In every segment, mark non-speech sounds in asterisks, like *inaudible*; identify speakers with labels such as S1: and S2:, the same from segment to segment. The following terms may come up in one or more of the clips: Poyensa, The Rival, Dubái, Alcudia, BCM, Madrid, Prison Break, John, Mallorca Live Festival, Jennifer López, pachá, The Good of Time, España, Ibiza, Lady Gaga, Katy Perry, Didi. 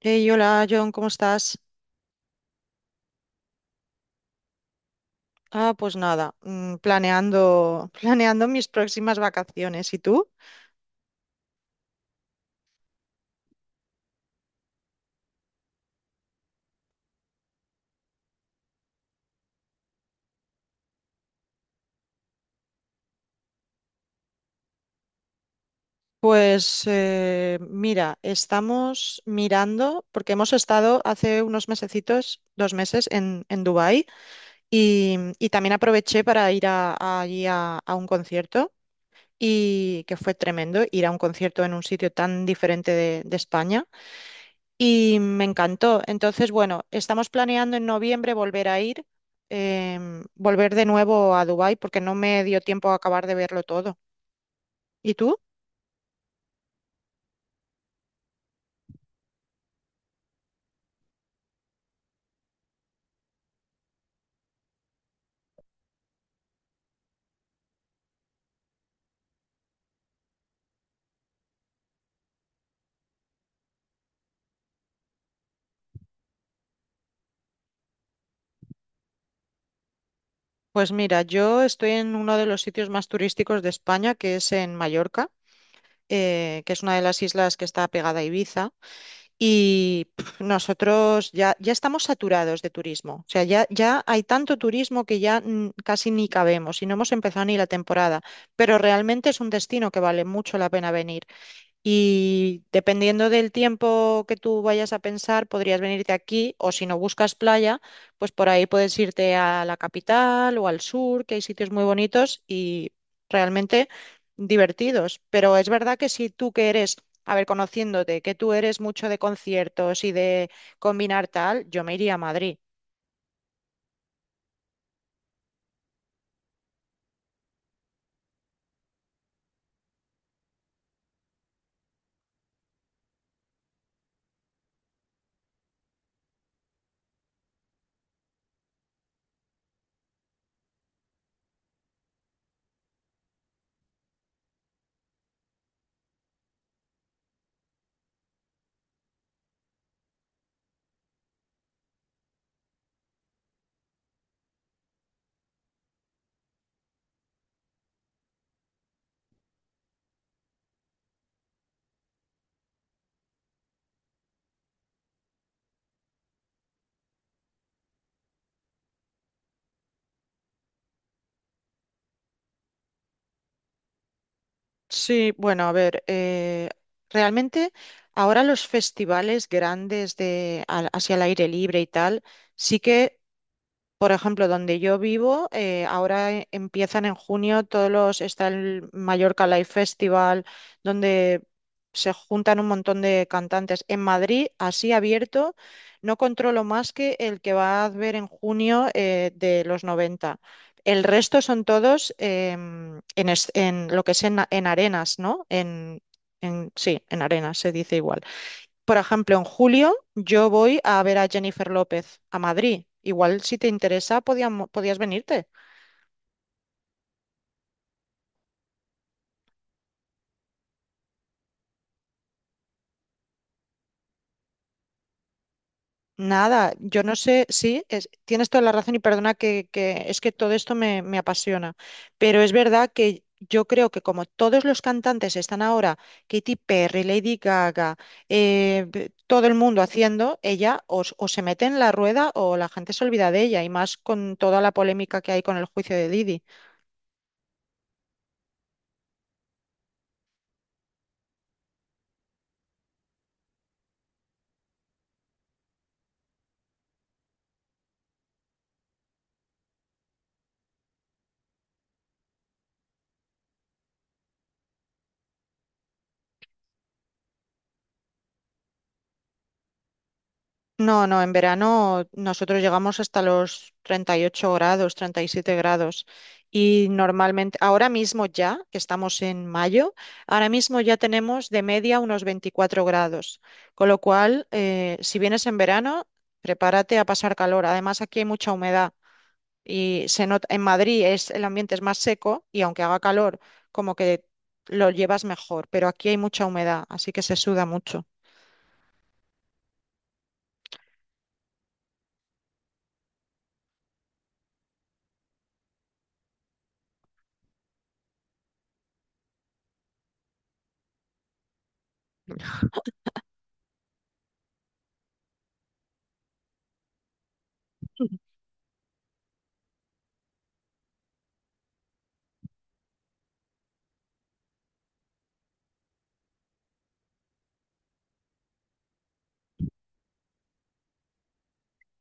S1: Hey, hola John, ¿cómo estás? Ah, pues nada, planeando, *laughs* planeando mis próximas vacaciones. ¿Y tú? Pues mira, estamos mirando, porque hemos estado hace unos mesecitos, 2 meses en Dubái, y también aproveché para ir a allí a un concierto, y que fue tremendo ir a un concierto en un sitio tan diferente de España. Y me encantó. Entonces, bueno, estamos planeando en noviembre volver a ir, volver de nuevo a Dubái porque no me dio tiempo a acabar de verlo todo. ¿Y tú? Pues mira, yo estoy en uno de los sitios más turísticos de España, que es en Mallorca, que es una de las islas que está pegada a Ibiza. Y pf, nosotros ya, ya estamos saturados de turismo. O sea, ya, ya hay tanto turismo que ya casi ni cabemos y no hemos empezado ni la temporada. Pero realmente es un destino que vale mucho la pena venir. Y dependiendo del tiempo que tú vayas a pensar, podrías venirte aquí o si no buscas playa, pues por ahí puedes irte a la capital o al sur, que hay sitios muy bonitos y realmente divertidos. Pero es verdad que si tú que eres, a ver, conociéndote, que tú eres mucho de conciertos y de combinar tal, yo me iría a Madrid. Sí, bueno, a ver, realmente ahora los festivales grandes de hacia el aire libre y tal, sí que. Por ejemplo, donde yo vivo, ahora empiezan en junio todos los, está el Mallorca Live Festival, donde se juntan un montón de cantantes. En Madrid, así abierto, no controlo más que el que va a ver en junio de los 90. El resto son todos en, en lo que es en arenas, ¿no? En, sí, en arenas se dice igual. Por ejemplo, en julio yo voy a ver a Jennifer López a Madrid. Igual si te interesa, podías venirte. Nada, yo no sé, sí, tienes toda la razón y perdona que es que todo esto me, me apasiona, pero es verdad que yo creo que como todos los cantantes están ahora, Katy Perry, Lady Gaga, todo el mundo haciendo, ella o se mete en la rueda o la gente se olvida de ella y más con toda la polémica que hay con el juicio de Didi. No, no, en verano nosotros llegamos hasta los 38 grados, 37 grados. Y normalmente, ahora mismo ya, que estamos en mayo, ahora mismo ya tenemos de media unos 24 grados. Con lo cual, si vienes en verano, prepárate a pasar calor. Además, aquí hay mucha humedad y se nota, en Madrid es, el ambiente es más seco y aunque haga calor, como que lo llevas mejor, pero aquí hay mucha humedad, así que se suda mucho.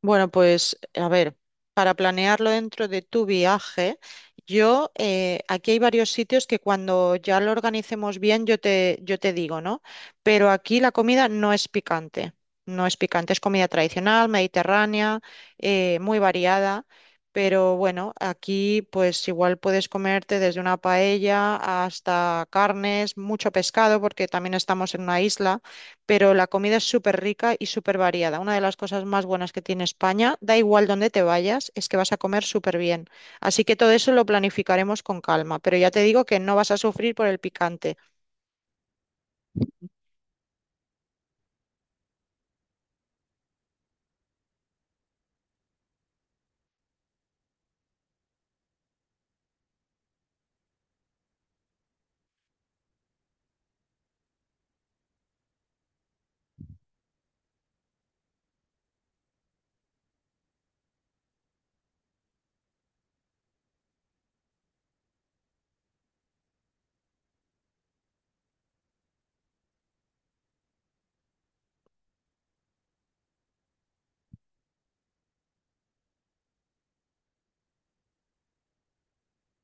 S1: Bueno, pues a ver, para planearlo dentro de tu viaje, yo aquí hay varios sitios que cuando ya lo organicemos bien yo te digo, ¿no? Pero aquí la comida no es picante, no es picante, es comida tradicional, mediterránea, muy variada, pero bueno, aquí pues igual puedes comerte desde una paella hasta carnes, mucho pescado, porque también estamos en una isla, pero la comida es súper rica y súper variada. Una de las cosas más buenas que tiene España, da igual dónde te vayas, es que vas a comer súper bien. Así que todo eso lo planificaremos con calma, pero ya te digo que no vas a sufrir por el picante.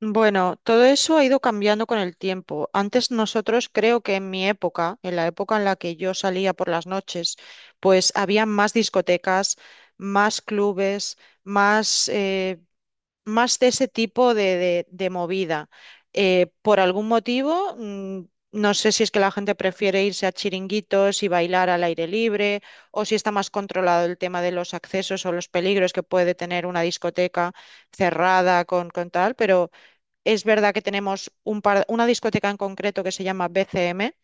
S1: Bueno, todo eso ha ido cambiando con el tiempo. Antes nosotros creo que en mi época en la que yo salía por las noches, pues había más discotecas, más clubes, más... más de ese tipo de, de movida. Por algún motivo, no sé si es que la gente prefiere irse a chiringuitos y bailar al aire libre, o si está más controlado el tema de los accesos o los peligros que puede tener una discoteca cerrada con tal, pero es verdad que tenemos una discoteca en concreto que se llama BCM,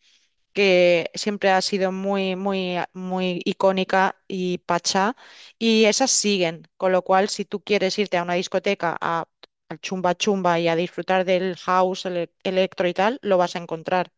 S1: que siempre ha sido muy, muy, muy icónica y pachá, y esas siguen, con lo cual si tú quieres irte a una discoteca a, al chumba chumba y a disfrutar del house, el electro y tal, lo vas a encontrar.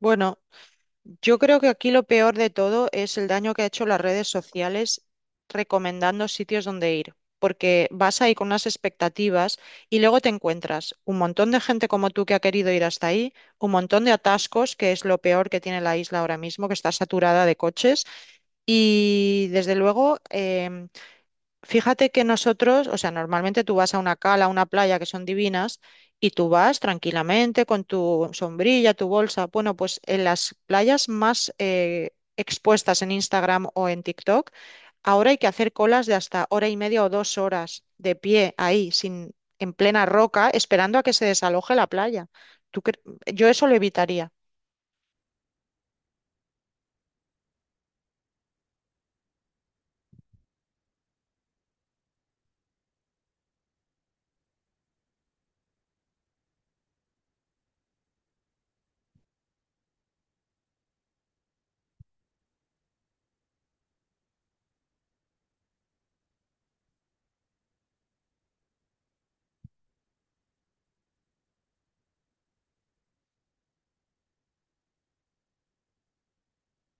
S1: Bueno, yo creo que aquí lo peor de todo es el daño que ha hecho las redes sociales recomendando sitios donde ir, porque vas ahí con unas expectativas y luego te encuentras un montón de gente como tú que ha querido ir hasta ahí, un montón de atascos, que es lo peor que tiene la isla ahora mismo, que está saturada de coches, y desde luego fíjate que nosotros, o sea, normalmente tú vas a una cala, a una playa que son divinas y tú vas tranquilamente con tu sombrilla, tu bolsa. Bueno, pues en las playas más expuestas en Instagram o en TikTok, ahora hay que hacer colas de hasta hora y media o 2 horas de pie ahí, sin, en plena roca, esperando a que se desaloje la playa. ¿Tú cre- Yo eso lo evitaría.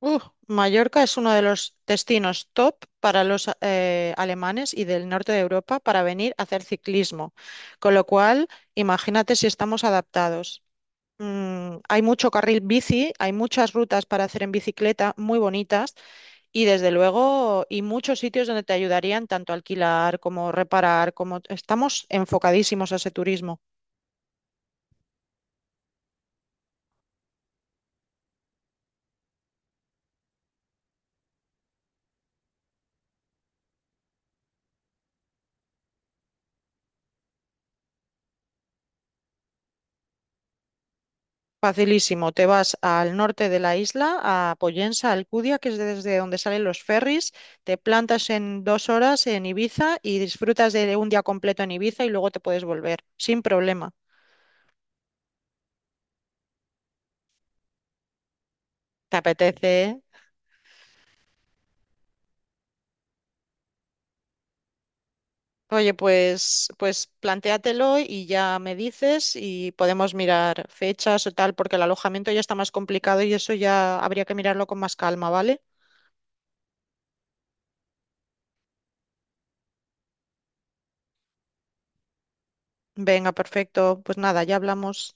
S1: Uh, Mallorca es uno de los destinos top para los alemanes y del norte de Europa para venir a hacer ciclismo. Con lo cual, imagínate si estamos adaptados. Hay mucho carril bici, hay muchas rutas para hacer en bicicleta muy bonitas y desde luego y muchos sitios donde te ayudarían tanto a alquilar como reparar, como estamos enfocadísimos a ese turismo. Facilísimo, te vas al norte de la isla, a Poyensa, Alcudia, que es desde donde salen los ferries, te plantas en 2 horas en Ibiza y disfrutas de un día completo en Ibiza y luego te puedes volver, sin problema. ¿Te apetece? ¿Eh? Oye, pues, pues plantéatelo y ya me dices y podemos mirar fechas o tal, porque el alojamiento ya está más complicado y eso ya habría que mirarlo con más calma, ¿vale? Venga, perfecto. Pues nada, ya hablamos.